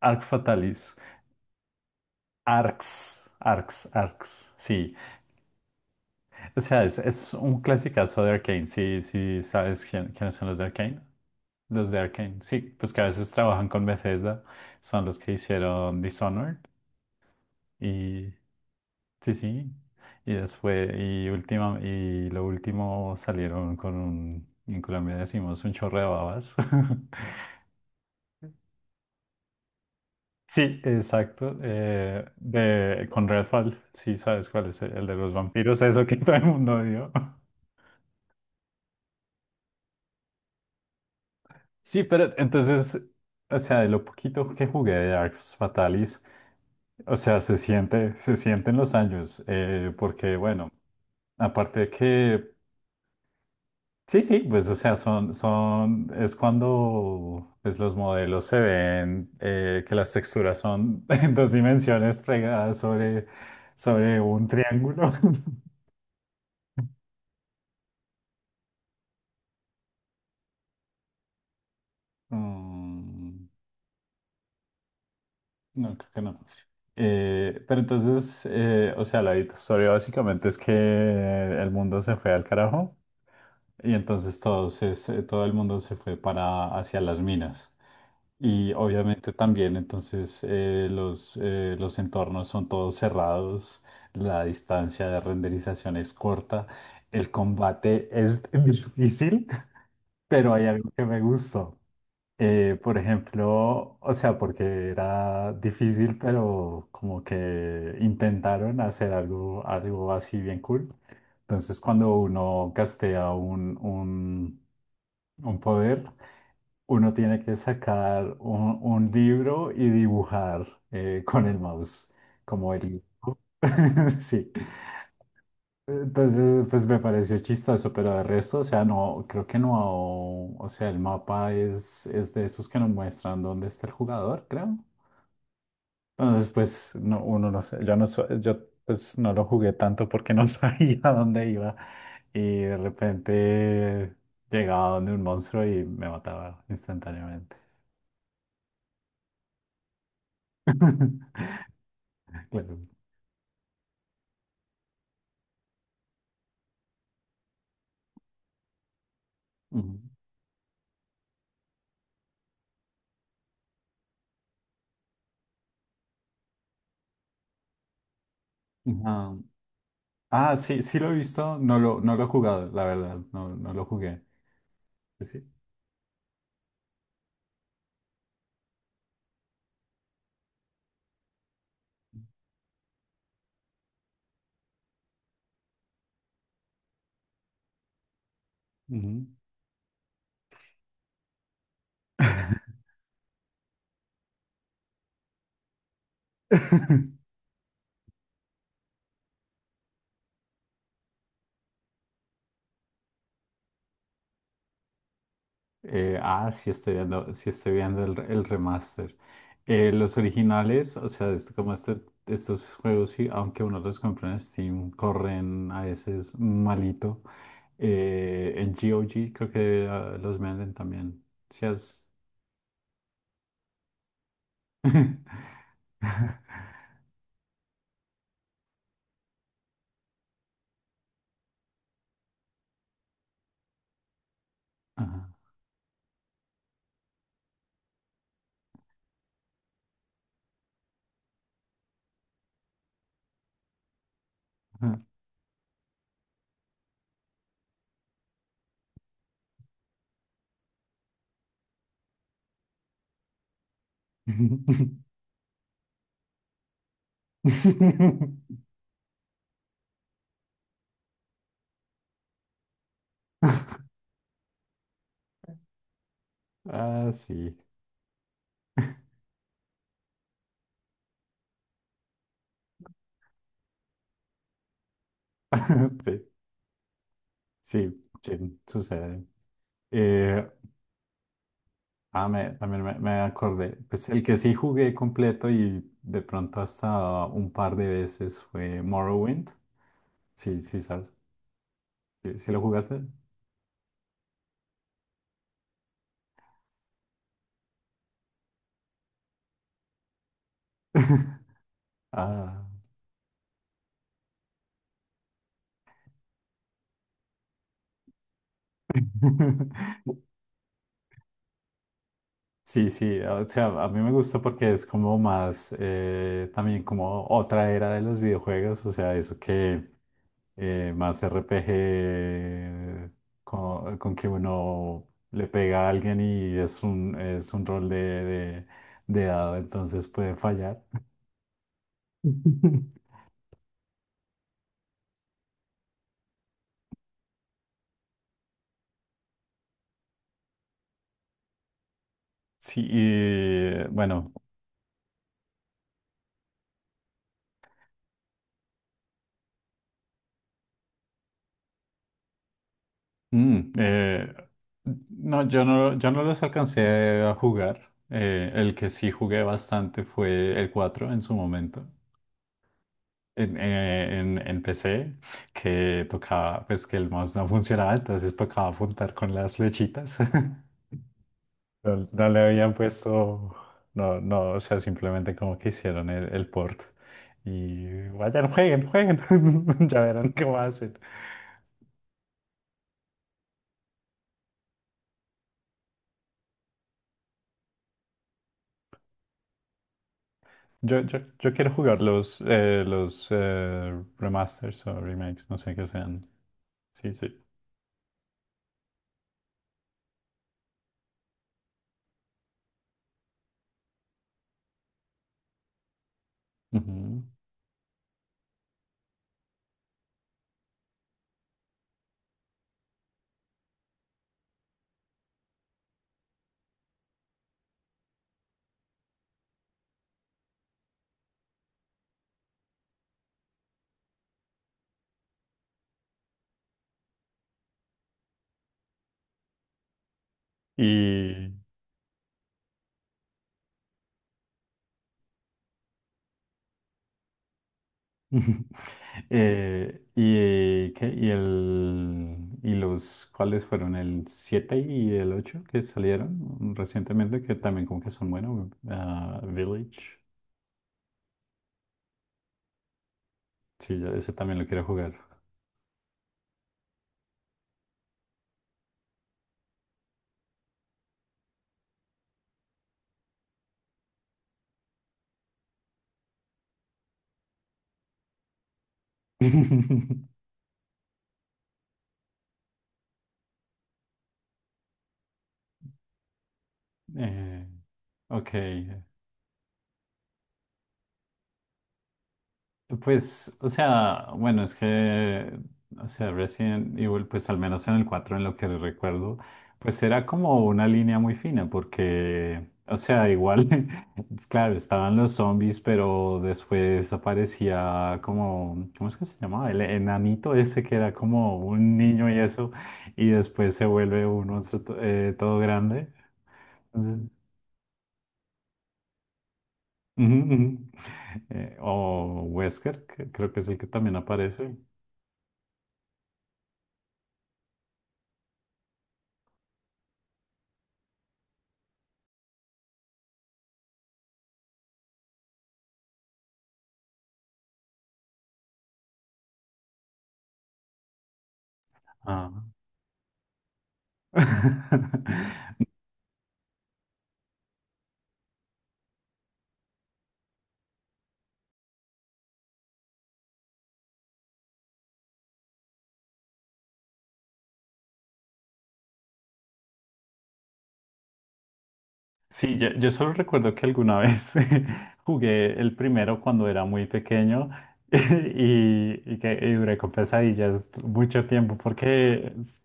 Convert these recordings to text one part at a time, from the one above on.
Arc Fatalis. Arcs. Arcs, Arcs, sí. O sea, es un clasicazo de Arcane. Sí, sí, ¿sabes quiénes son los de Arcane? Los de Arcane, sí, pues que a veces trabajan con Bethesda. Son los que hicieron Dishonored. Y sí, sí. Y después, y última, y lo último salieron con un, en Colombia decimos un chorro de babas. Sí, exacto. Con Redfall, sí, sabes cuál es el, de los vampiros, eso que todo el mundo dio. Sí, pero entonces, o sea, de lo poquito que jugué de Arx Fatalis, o sea, se siente, se sienten los años, porque bueno, aparte de que, sí, sí, pues, o sea, son, son, es cuando, pues, los modelos se ven, que las texturas son en dos dimensiones pegadas sobre, sobre un triángulo. Mm. No, creo que no. Pero entonces, o sea, la historia básicamente es que el mundo se fue al carajo y entonces todo, todo el mundo se fue para hacia las minas. Y obviamente también entonces los entornos son todos cerrados, la distancia de renderización es corta, el combate es difícil, pero hay algo que me gustó. Por ejemplo, o sea, porque era difícil, pero como que intentaron hacer algo, algo así bien cool. Entonces, cuando uno castea un poder, uno tiene que sacar un libro y dibujar con el mouse, como el... Sí. Entonces, pues me pareció chistoso, pero de resto, o sea, no, creo que no, o sea, el mapa es de esos que nos muestran dónde está el jugador, creo. Entonces, pues, no, uno no sé, yo no, yo pues no lo jugué tanto porque no sabía dónde iba y de repente llegaba donde un monstruo y me mataba instantáneamente. Claro. Ujú. Ajá. Ah, sí, sí lo he visto, no lo, no lo he jugado, la verdad, no, no lo jugué. Sí. Sí. Ujú. Sí estoy viendo el remaster. Los originales, o sea, estos juegos, sí, aunque uno los compra en Steam, corren a veces malito. En GOG creo que los venden también. Si has... Ajá. Ah, sí. Sí, sí, sucede. Eh, también me, me acordé. Pues el que sí jugué completo y de pronto hasta un par de veces fue Morrowind. Sí, sí, ¿sabes? ¿Sí, sí lo jugaste? Ah. Sí, sí, o sea, a mí me gusta porque es como más, también como otra era de los videojuegos, o sea, eso que más RPG con que uno le pega a alguien y es un rol de dado, entonces puede fallar. Sí, y bueno. Mm, eh, no, yo no, yo no los alcancé a jugar. El que sí jugué bastante fue el 4 en su momento. En PC, que tocaba, pues que el mouse no funcionaba, entonces tocaba apuntar con las flechitas. No, no le habían puesto, no, no, o sea, simplemente como que hicieron el port. Y vayan, jueguen, jueguen, ya verán qué va a. Yo quiero jugar los remasters o remakes, no sé qué sean. Sí, sí. Ujú. Y, y, ¿qué? Y, el, y los, ¿cuáles fueron? El 7 y el 8 que salieron recientemente, que también como que son buenos. Ah, Village. Sí, yo ese también lo quiero jugar. Eh, ok. Pues, o sea, bueno, es que, o sea, Resident Evil, pues al menos en el 4 en lo que recuerdo, pues era como una línea muy fina, porque, o sea, igual, es claro, estaban los zombies, pero después aparecía como, ¿cómo es que se llamaba? El enanito ese que era como un niño y eso, y después se vuelve un monstruo todo grande. Entonces, ujú, ujú. O Wesker, que creo que es el que también aparece. Ah. Sí, yo solo recuerdo que alguna vez jugué el primero cuando era muy pequeño y duré con pesadillas mucho tiempo porque,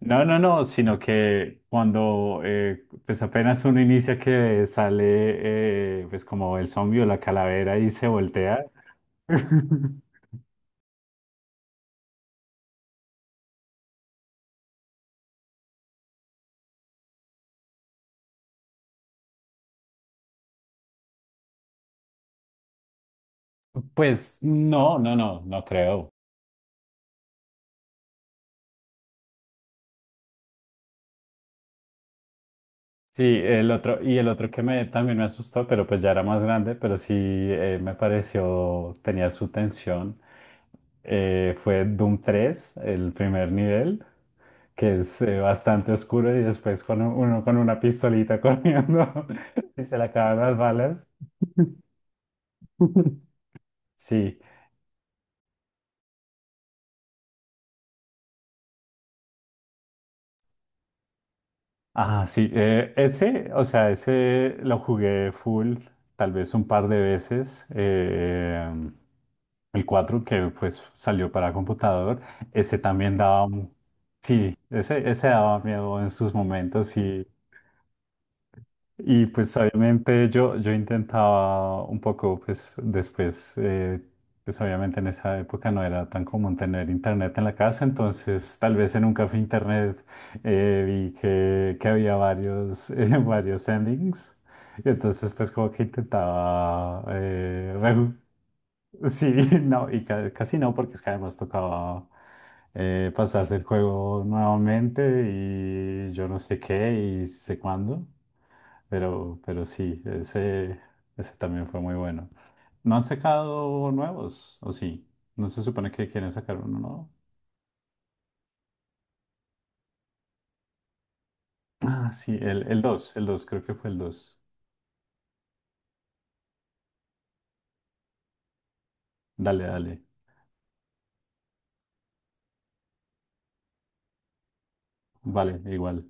no, no, no, sino que cuando pues apenas uno inicia que sale pues como el zombie o la calavera y se voltea, pues no, no, no, no creo. Sí, el otro, y el otro que me, también me asustó, pero pues ya era más grande, pero sí me pareció, tenía su tensión, fue Doom 3, el primer nivel, que es bastante oscuro y después con uno con una pistolita corriendo y se le acaban las balas. Sí, ah, sí, ese, o sea, ese lo jugué full, tal vez un par de veces. El 4 que pues salió para computador, ese también daba, sí, ese daba miedo en sus momentos y pues obviamente yo intentaba un poco, pues después, pues obviamente en esa época no era tan común tener internet en la casa, entonces tal vez en un café internet vi que había varios, varios endings, y entonces pues como que intentaba, sí, no, y casi no, porque es que además tocaba pasarse el juego nuevamente y yo no sé qué y sé cuándo. Pero sí, ese también fue muy bueno. ¿No han sacado nuevos? ¿O sí? ¿No se supone que quieren sacar uno nuevo? Ah, sí, el 2 creo que fue el dos. Dale, dale. Vale, igual.